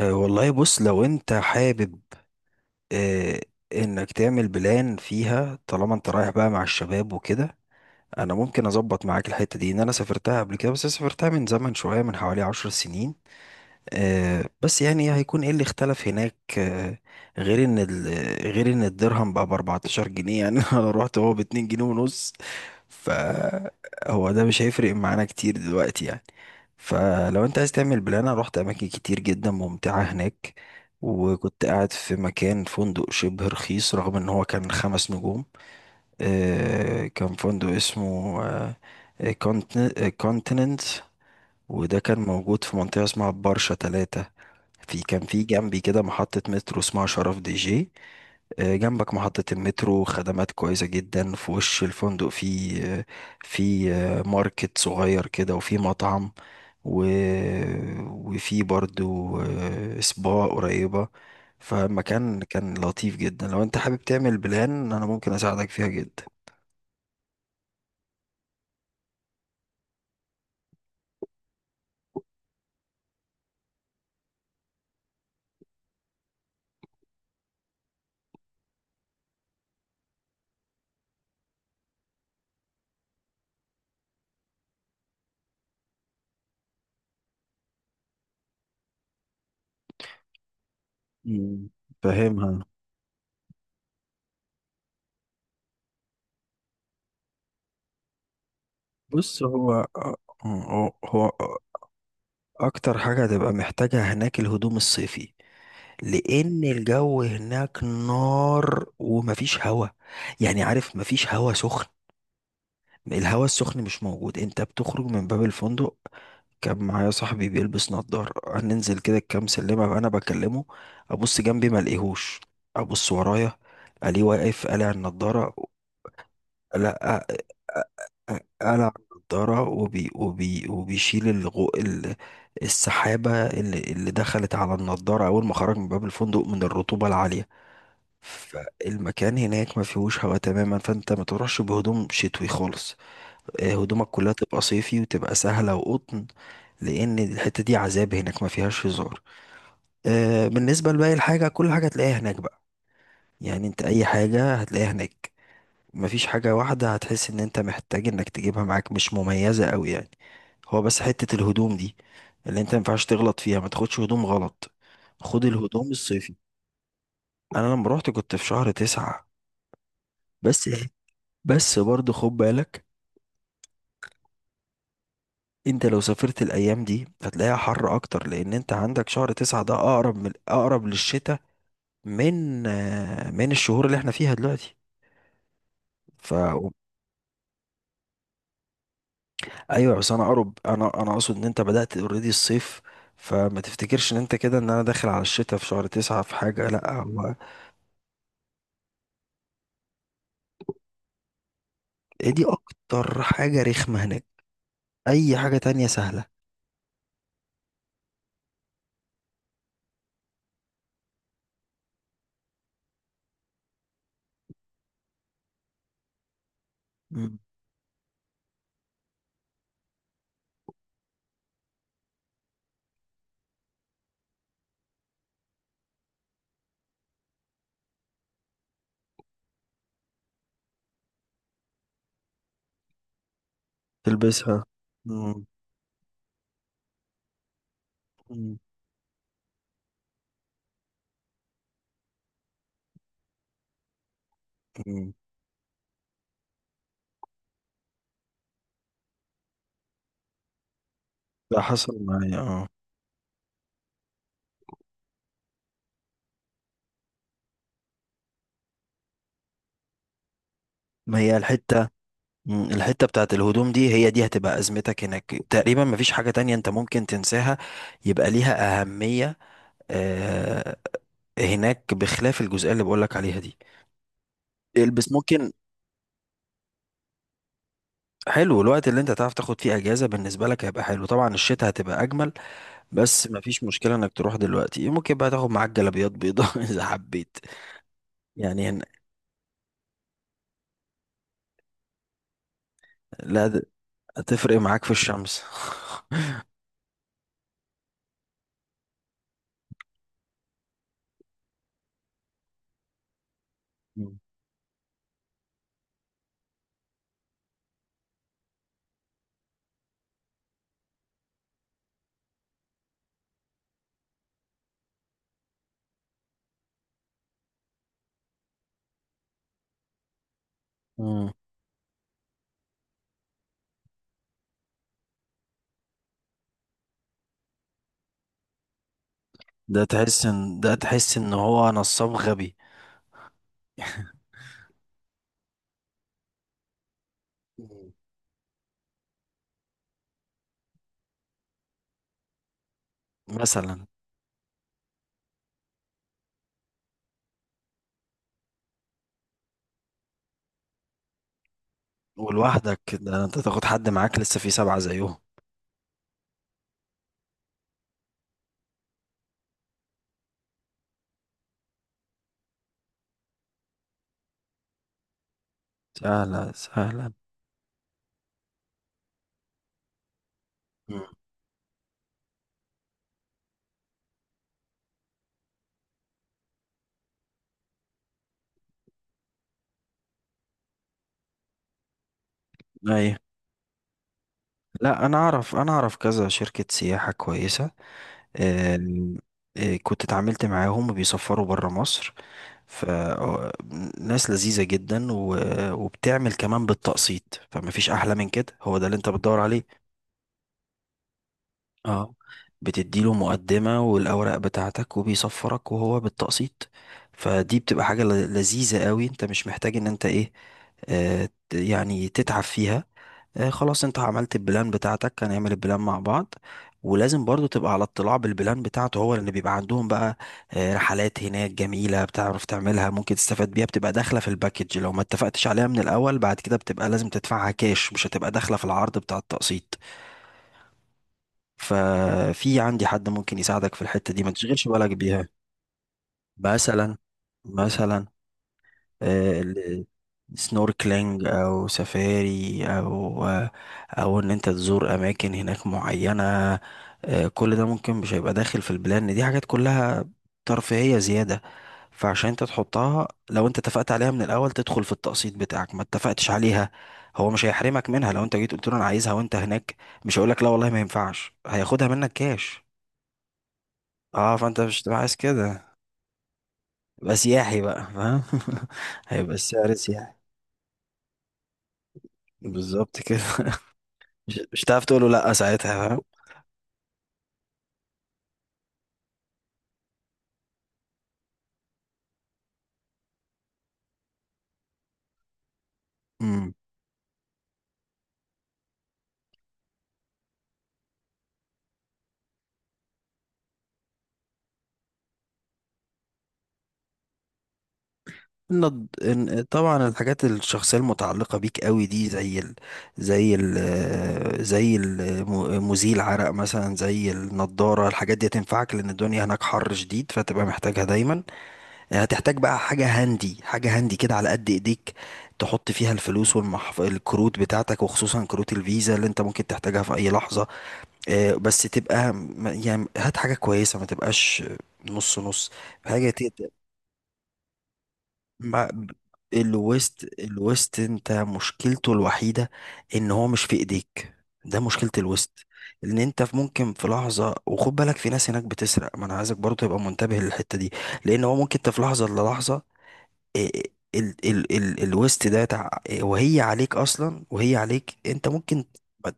والله بص، لو انت حابب أه انك تعمل بلان فيها، طالما انت رايح بقى مع الشباب وكده. انا ممكن اظبط معاك الحتة دي، ان انا سافرتها قبل كده، بس سافرتها من زمن شوية، من حوالي 10 سنين. بس يعني هيكون ايه اللي اختلف هناك؟ غير ان غير ان الدرهم بقى ب 14 جنيه يعني انا رحت هو ب 2 جنيه ونص. فهو ده مش هيفرق معانا كتير دلوقتي يعني. فلو انت عايز تعمل بلان، انا رحت اماكن كتير جدا ممتعة هناك، وكنت قاعد في مكان فندق شبه رخيص رغم ان هو كان 5 نجوم. كان فندق اسمه كونتيننت، وده كان موجود في منطقة اسمها برشة 3. كان في جنبي كده محطة مترو اسمها شرف دي جي. جنبك محطة المترو، خدمات كويسة جدا. في وش الفندق في ماركت صغير كده، وفي مطعم و... وفي برضو سبا قريبة. فمكان كان لطيف جدا، لو انت حابب تعمل بلان انا ممكن اساعدك فيها جدا. مم، فاهمها. بص، هو اكتر حاجة هتبقى محتاجها هناك الهدوم الصيفي، لان الجو هناك نار ومفيش هوا. يعني عارف، مفيش هوا سخن. الهوا السخن مش موجود. انت بتخرج من باب الفندق، كان معايا صاحبي بيلبس نضارة، هننزل كده كام سلمة انا بكلمه، ابص جنبي ما الاقيهوش، ابص ورايا الاقيه واقف قالع النضارة. لا، قلع النضارة، وبيشيل السحابة اللي دخلت على النضارة أول ما خرج من باب الفندق، من الرطوبة العالية. فالمكان هناك ما فيهوش هواء تماما، فأنت ما تروحش بهدوم شتوي خالص. هدومك كلها تبقى صيفي وتبقى سهلة وقطن، لأن الحتة دي عذاب، هناك ما فيهاش هزار. بالنسبة لباقي الحاجة، كل حاجة هتلاقيها هناك بقى. يعني أنت أي حاجة هتلاقيها هناك. مفيش حاجة واحدة هتحس ان انت محتاج انك تجيبها معاك، مش مميزة قوي يعني. هو بس حتة الهدوم دي اللي انت مينفعش تغلط فيها. ما تاخدش هدوم غلط، خد الهدوم الصيفي. انا لما روحت كنت في شهر 9. بس. بس برضه خد بالك، انت لو سافرت الايام دي هتلاقيها حر اكتر، لان انت عندك شهر 9 ده اقرب، من اقرب للشتاء، من من الشهور اللي احنا فيها دلوقتي. ف ايوه بس انا اقرب، انا اقصد ان انت بدأت اوريدي الصيف. فما تفتكرش ان انت كده، ان انا داخل على الشتاء في شهر 9 في حاجة، لا هو. إيه، دي اكتر حاجة رخمة هناك. اي حاجة تانية سهلة. مم. تلبسها. مم. مم. مم. ده حصل معايا، اه. ما هي الحتة. مم. الحتة بتاعت الهدوم دي هي دي هتبقى أزمتك هناك. تقريبا مفيش حاجة تانية انت ممكن تنساها يبقى ليها أهمية. آه، هناك، بخلاف الجزئية اللي بقولك عليها دي، البس ممكن. حلو، الوقت اللي انت تعرف تاخد فيه اجازه بالنسبه لك هيبقى حلو. طبعا الشتاء هتبقى اجمل، بس مفيش مشكله انك تروح دلوقتي. ممكن بقى تاخد معاك جلابيات بيضاء اذا حبيت. يعني لا، هتفرق معاك في الشمس. مم. مم. ده تحس ان هو نصاب غبي. مم. مثلا. ولوحدك ده، انت تاخد حد معاك لسه في سبعه زيهم. سهله سهله. مم. ايوه. لا، انا اعرف كذا شركه سياحه كويسه. آم، آه، كنت اتعاملت معاهم وبيسفروا برا مصر، فناس لذيذة جدا، وبتعمل كمان بالتقسيط، فمفيش أحلى من كده. هو ده اللي انت بتدور عليه. اه، بتديله مقدمة والأوراق بتاعتك وبيصفرك وهو بالتقسيط. فدي بتبقى حاجة لذيذة قوي، انت مش محتاج ان انت ايه، يعني تتعب فيها. خلاص انت عملت البلان بتاعتك، هنعمل البلان مع بعض. ولازم برضو تبقى على اطلاع بالبلان بتاعته هو، لان بيبقى عندهم بقى رحلات هناك جميلة بتعرف تعملها، ممكن تستفاد بيها، بتبقى داخلة في الباكج. لو ما اتفقتش عليها من الاول، بعد كده بتبقى لازم تدفعها كاش، مش هتبقى داخلة في العرض بتاع التقسيط. ففي عندي حد ممكن يساعدك في الحتة دي، ما تشغلش بالك بيها. مثلا، مثلا سنوركلينج او سفاري، او او ان انت تزور اماكن هناك معينة. كل ده ممكن مش هيبقى داخل في البلان دي، حاجات كلها ترفيهية زيادة. فعشان انت تحطها، لو انت اتفقت عليها من الاول تدخل في التقسيط بتاعك، ما اتفقتش عليها هو مش هيحرمك منها. لو انت جيت قلت له انا عايزها وانت هناك، مش هيقولك لا والله ما ينفعش، هياخدها منك كاش. اه، فانت مش تبقى عايز كده، يبقى سياحي بقى، فاهم هيبقى السعر سياحي، بالظبط كده مش هتعرف تقول له لا ساعتها، فاهم. مم. طبعا الحاجات الشخصيه المتعلقه بيك قوي دي، زي ال... زي ال... آه، زي المزيل عرق مثلا، زي النضاره. الحاجات دي هتنفعك لان الدنيا هناك حر شديد، فتبقى محتاجها دايما. يعني هتحتاج بقى حاجه هاندي، حاجه هاندي كده على قد ايديك، تحط فيها الفلوس الكروت بتاعتك، وخصوصا كروت الفيزا اللي انت ممكن تحتاجها في اي لحظه. بس تبقى يعني هات حاجة كويسة، ما تبقاش نص نص. حاجة تقدر مع الويست. الويست انت مشكلته الوحيدة ان هو مش في ايديك. ده مشكلة الويست، ان انت في ممكن في لحظة. وخد بالك في ناس هناك بتسرق، ما انا عايزك برضه تبقى منتبه للحتة دي. لان هو ممكن انت في لحظة للحظة إيه، ال ال ال الويست ده تع... إيه، وهي عليك انت ممكن ما ت-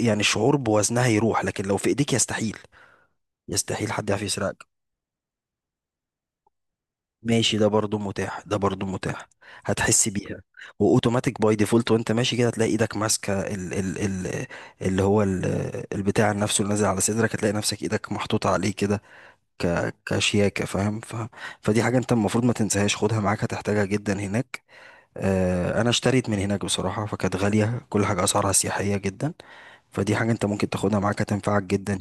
يعني الشعور بوزنها يروح، لكن لو في ايديك يستحيل، يستحيل حد يعرف يسرقك. ماشي، ده برضو متاح، ده برضو متاح. هتحس بيها، واوتوماتيك باي ديفولت وانت ماشي كده هتلاقي ايدك ماسكه ال ال ال اللي هو ال البتاع نفسه اللي نازل على صدرك. هتلاقي نفسك ايدك محطوطه عليه كده، كشياكه، فاهم. فدي حاجه انت المفروض ما تنساهاش، خدها معاك هتحتاجها جدا هناك. آه، انا اشتريت من هناك بصراحه، فكانت غاليه، كل حاجه اسعارها سياحيه جدا. فدي حاجه انت ممكن تاخدها معاك هتنفعك جدا.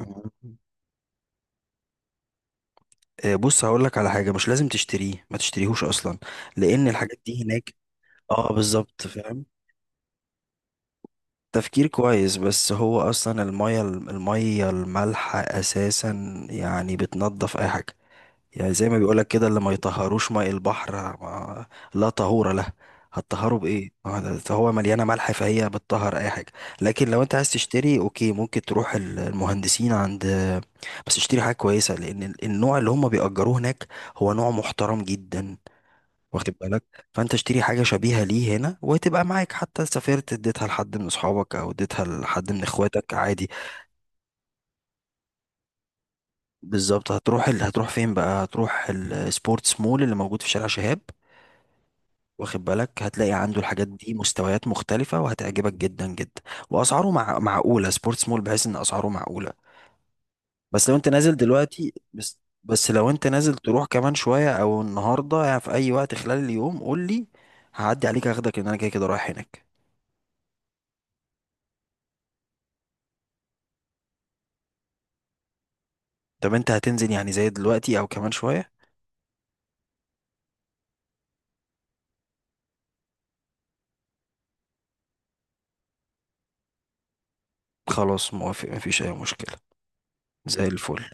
هناك بص، هقول لك على حاجه مش لازم تشتريه، ما تشتريهوش اصلا، لان الحاجات دي هناك. اه، بالظبط فاهم. تفكير كويس، بس هو اصلا الميه، المالحه اساسا يعني بتنضف اي حاجه. يعني زي ما بيقولك كده، اللي ما يطهروش ماء البحر، ما لا طهور له، هتطهروا بايه، ما ده- ده هو مليانه ملح، فهي بتطهر اي حاجه. لكن لو انت عايز تشتري اوكي، ممكن تروح المهندسين عند. بس اشتري حاجه كويسه، لان النوع اللي هم بيأجروه هناك هو نوع محترم جدا، واخد بالك. فانت اشتري حاجه شبيهه ليه هنا، وهتبقى معاك حتى سافرت، اديتها لحد من اصحابك او اديتها لحد من اخواتك عادي. بالظبط. هتروح هتروح فين بقى؟ هتروح السبورتس مول اللي موجود في شارع شهاب، واخد بالك، هتلاقي عنده الحاجات دي مستويات مختلفه، وهتعجبك جدا جدا. واسعاره معقوله، سبورتس مول، بحيث ان اسعاره معقوله. بس لو انت نازل دلوقتي، بس بس لو انت نازل تروح كمان شويه او النهارده، يعني في اي وقت خلال اليوم قول لي، هعدي عليك اخدك، لان انا كده كده رايح هناك. طب انت هتنزل يعني زي دلوقتي او كمان شوية؟ خلاص موافق، مفيش اي مشكلة. زي الفل.